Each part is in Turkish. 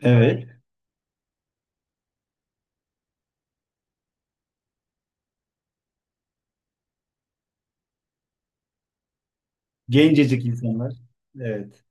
Evet. Gencecik insanlar. Evet.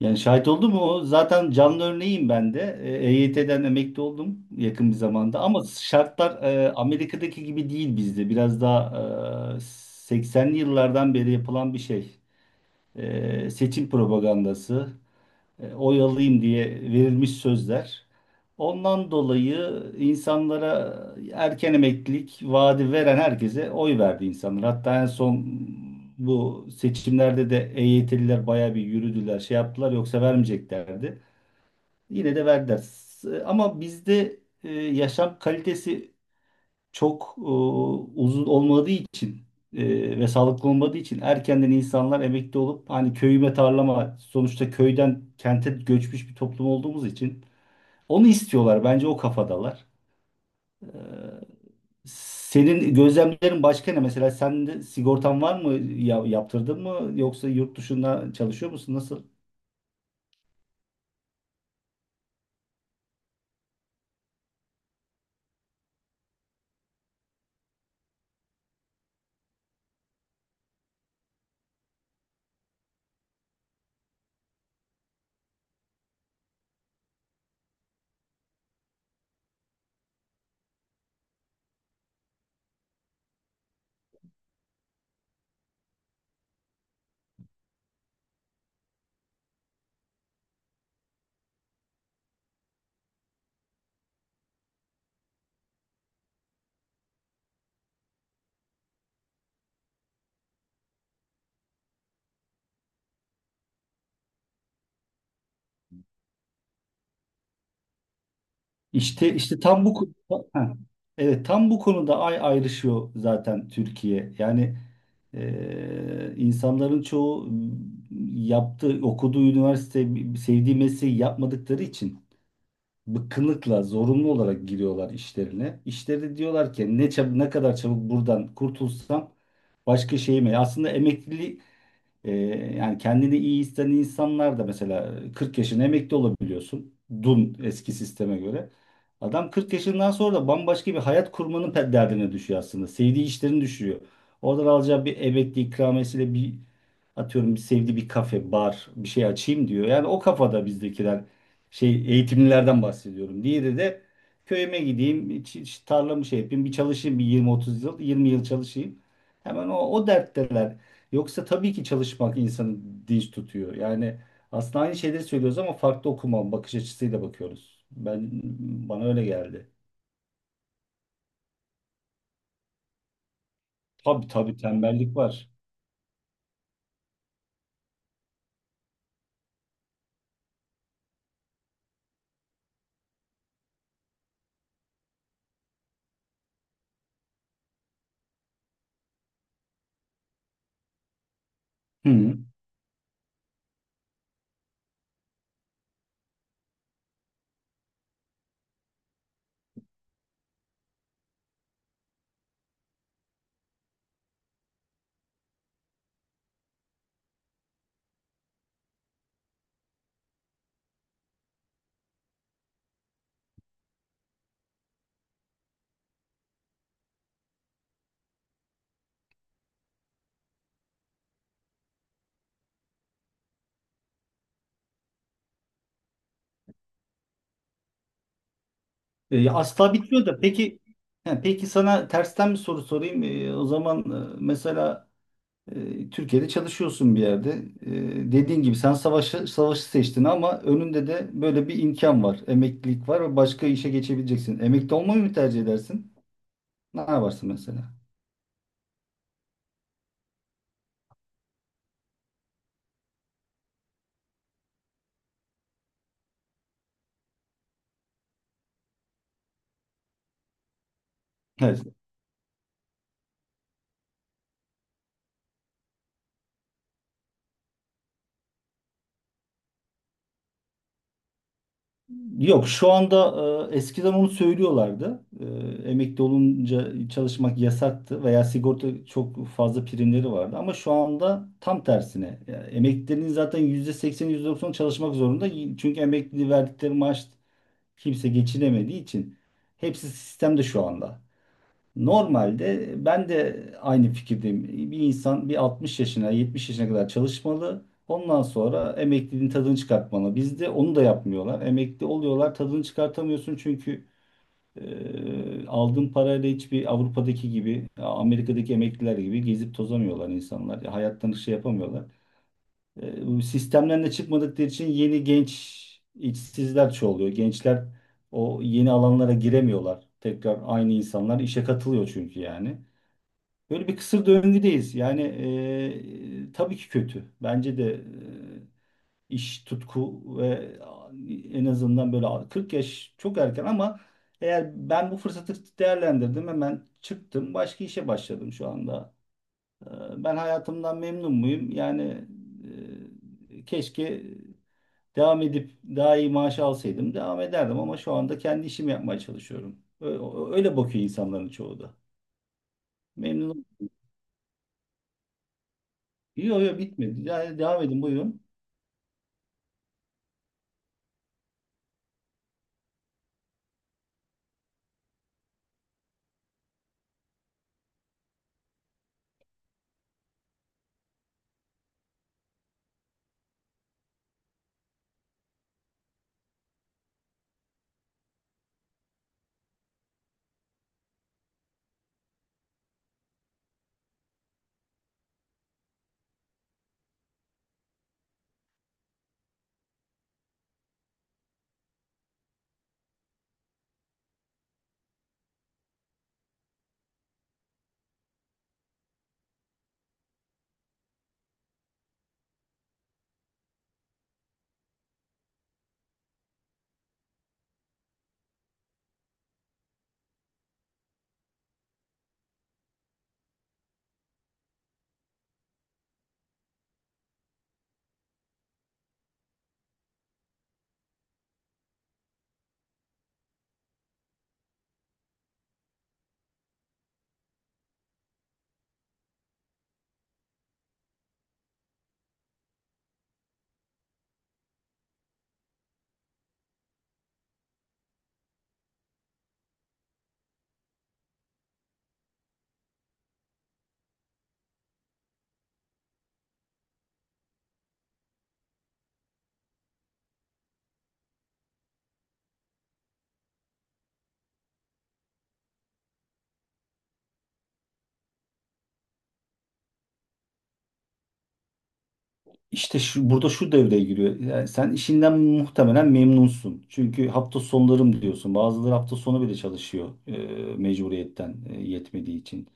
Yani şahit oldum o? Zaten canlı örneğim ben de. EYT'den emekli oldum yakın bir zamanda. Ama şartlar Amerika'daki gibi değil bizde. Biraz daha 80'li yıllardan beri yapılan bir şey. Seçim propagandası. Oyalayayım diye verilmiş sözler. Ondan dolayı insanlara erken emeklilik vaadi veren herkese oy verdi insanlar. Hatta en son bu seçimlerde de EYT'liler bayağı bir yürüdüler, şey yaptılar yoksa vermeyeceklerdi. Yine de verdiler. Ama bizde yaşam kalitesi çok uzun olmadığı için e, ve sağlıklı olmadığı için erkenden insanlar emekli olup hani köyüme tarlama sonuçta köyden kente göçmüş bir toplum olduğumuz için onu istiyorlar. Bence o kafadalar. E, senin gözlemlerin başka ne? Mesela sen de sigortan var mı? Ya, yaptırdın mı? Yoksa yurt dışında çalışıyor musun? Nasıl? İşte tam bu ko- ha, evet, tam bu konuda ayrışıyor zaten Türkiye. Yani insanların çoğu yaptığı okuduğu üniversite sevdiği mesleği yapmadıkları için bıkkınlıkla zorunlu olarak giriyorlar işlerine. İşleri diyorlar ki ne kadar çabuk buradan kurtulsam başka şeyime. Aslında emekli ee, yani kendini iyi hisseden insanlar da mesela 40 yaşına emekli olabiliyorsun. Dun eski sisteme göre. Adam 40 yaşından sonra da bambaşka bir hayat kurmanın derdine düşüyor aslında. Sevdiği işlerin düşüyor. Oradan alacağı bir emekli ikramiyesiyle bir atıyorum bir sevdiği bir kafe, bar bir şey açayım diyor. Yani o kafada bizdekiler şey eğitimlilerden bahsediyorum. Diğeri de köyüme gideyim, tarlamı şey yapayım, bir çalışayım bir 20-30 yıl, 20 yıl çalışayım. Hemen o dertteler. Yoksa tabii ki çalışmak insanı dinç tutuyor. Yani aslında aynı şeyleri söylüyoruz ama farklı okuma bakış açısıyla bakıyoruz. Ben bana öyle geldi. Tabii, tembellik var. Hı. Asla bitmiyor da peki he, peki sana tersten bir soru sorayım. O zaman mesela Türkiye'de çalışıyorsun bir yerde. Dediğin gibi sen savaşı seçtin ama önünde de böyle bir imkan var. Emeklilik var ve başka işe geçebileceksin. Emekli olmayı mı tercih edersin? Ne yaparsın mesela? Evet. Yok şu anda eskiden onu söylüyorlardı. Emekli olunca çalışmak yasaktı veya sigorta çok fazla primleri vardı. Ama şu anda tam tersine. Yani emeklilerin zaten %80 %90 çalışmak zorunda. Çünkü emekli verdikleri maaş kimse geçinemediği için. Hepsi sistemde şu anda. Normalde ben de aynı fikirdeyim. Bir insan bir 60 yaşına, 70 yaşına kadar çalışmalı. Ondan sonra emekliliğin tadını çıkartmalı. Bizde onu da yapmıyorlar. Emekli oluyorlar, tadını çıkartamıyorsun çünkü aldığın parayla hiçbir Avrupa'daki gibi, Amerika'daki emekliler gibi gezip tozamıyorlar insanlar. Hayattan şey yapamıyorlar. Bu sistemden de çıkmadıkları için yeni genç işsizler çoğalıyor. Gençler o yeni alanlara giremiyorlar. Tekrar aynı insanlar işe katılıyor çünkü yani. Böyle bir kısır döngüdeyiz. Yani tabii ki kötü. Bence de iş tutku ve en azından böyle 40 yaş çok erken ama eğer ben bu fırsatı değerlendirdim hemen çıktım başka işe başladım şu anda. E, ben hayatımdan memnun muyum? Yani keşke devam edip daha iyi maaş alsaydım devam ederdim ama şu anda kendi işimi yapmaya çalışıyorum. Öyle bakıyor insanların çoğu da. Memnun. Yok yok, bitmedi. Ya, devam edin buyurun. İşte şu, burada şu devreye giriyor. Yani sen işinden muhtemelen memnunsun. Çünkü hafta sonlarım diyorsun. Bazıları hafta sonu bile çalışıyor mecburiyetten yetmediği için.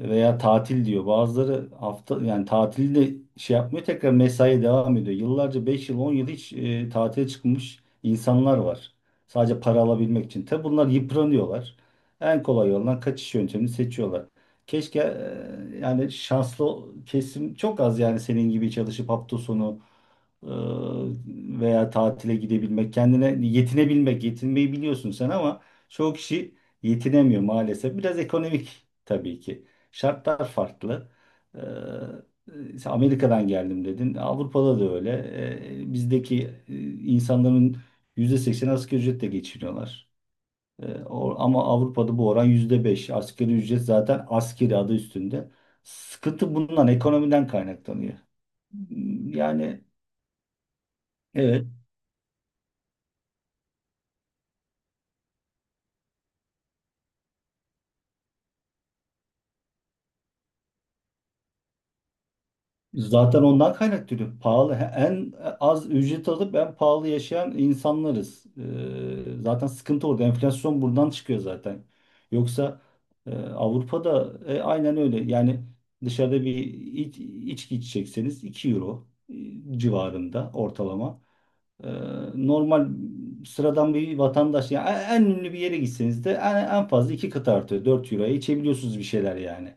Veya tatil diyor. Bazıları hafta yani tatili de şey yapmıyor, tekrar mesaiye devam ediyor. Yıllarca 5 yıl 10 yıl hiç tatile çıkmış insanlar var. Sadece para alabilmek için. Tabi bunlar yıpranıyorlar. En kolay yoldan kaçış yöntemini seçiyorlar. Keşke yani şanslı kesim çok az yani senin gibi çalışıp hafta sonu e, veya tatile gidebilmek, kendine yetinebilmek, yetinmeyi biliyorsun sen ama çoğu kişi yetinemiyor maalesef. Biraz ekonomik tabii ki. Şartlar farklı. Sen Amerika'dan geldim dedin. Avrupa'da da öyle. Bizdeki insanların %80 asgari ücretle geçiniyorlar. Ama Avrupa'da bu oran %5. Asgari ücret zaten askeri adı üstünde. Sıkıntı bundan, ekonomiden kaynaklanıyor. Hmm, yani evet. Zaten ondan kaynaklanıyor. Pahalı en az ücret alıp en pahalı yaşayan insanlarız. Zaten sıkıntı orada. Enflasyon buradan çıkıyor zaten. Yoksa Avrupa'da aynen öyle. Yani dışarıda içki içecekseniz 2 euro civarında ortalama. Ee, normal sıradan bir vatandaş yani en ünlü bir yere gitseniz de en fazla iki kat artıyor. 4 euroya içebiliyorsunuz bir şeyler yani.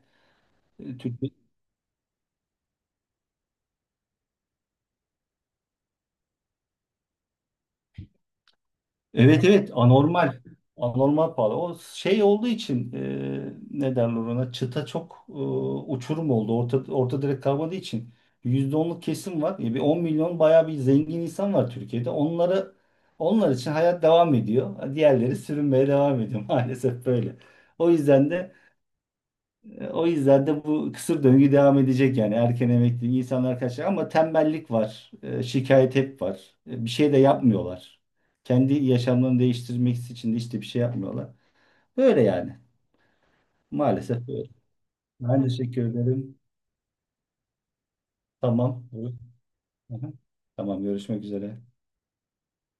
Evet evet, anormal. Anormal pahalı. O şey olduğu için ne derler ona çıta çok uçurum oldu. Orta direkt kalmadığı için yüzde onluk kesim var. Bir 10 milyon bayağı bir zengin insan var Türkiye'de. Onları onlar için hayat devam ediyor. Diğerleri sürünmeye devam ediyor. Maalesef böyle. O yüzden de O yüzden de bu kısır döngü devam edecek yani erken emekli insanlar kaçacak ama tembellik var, şikayet hep var. E, bir şey de yapmıyorlar. Kendi yaşamlarını değiştirmek için de işte bir şey yapmıyorlar. Böyle yani. Maalesef böyle. Ben teşekkür ederim. Tamam. Hı hı. Tamam, görüşmek üzere.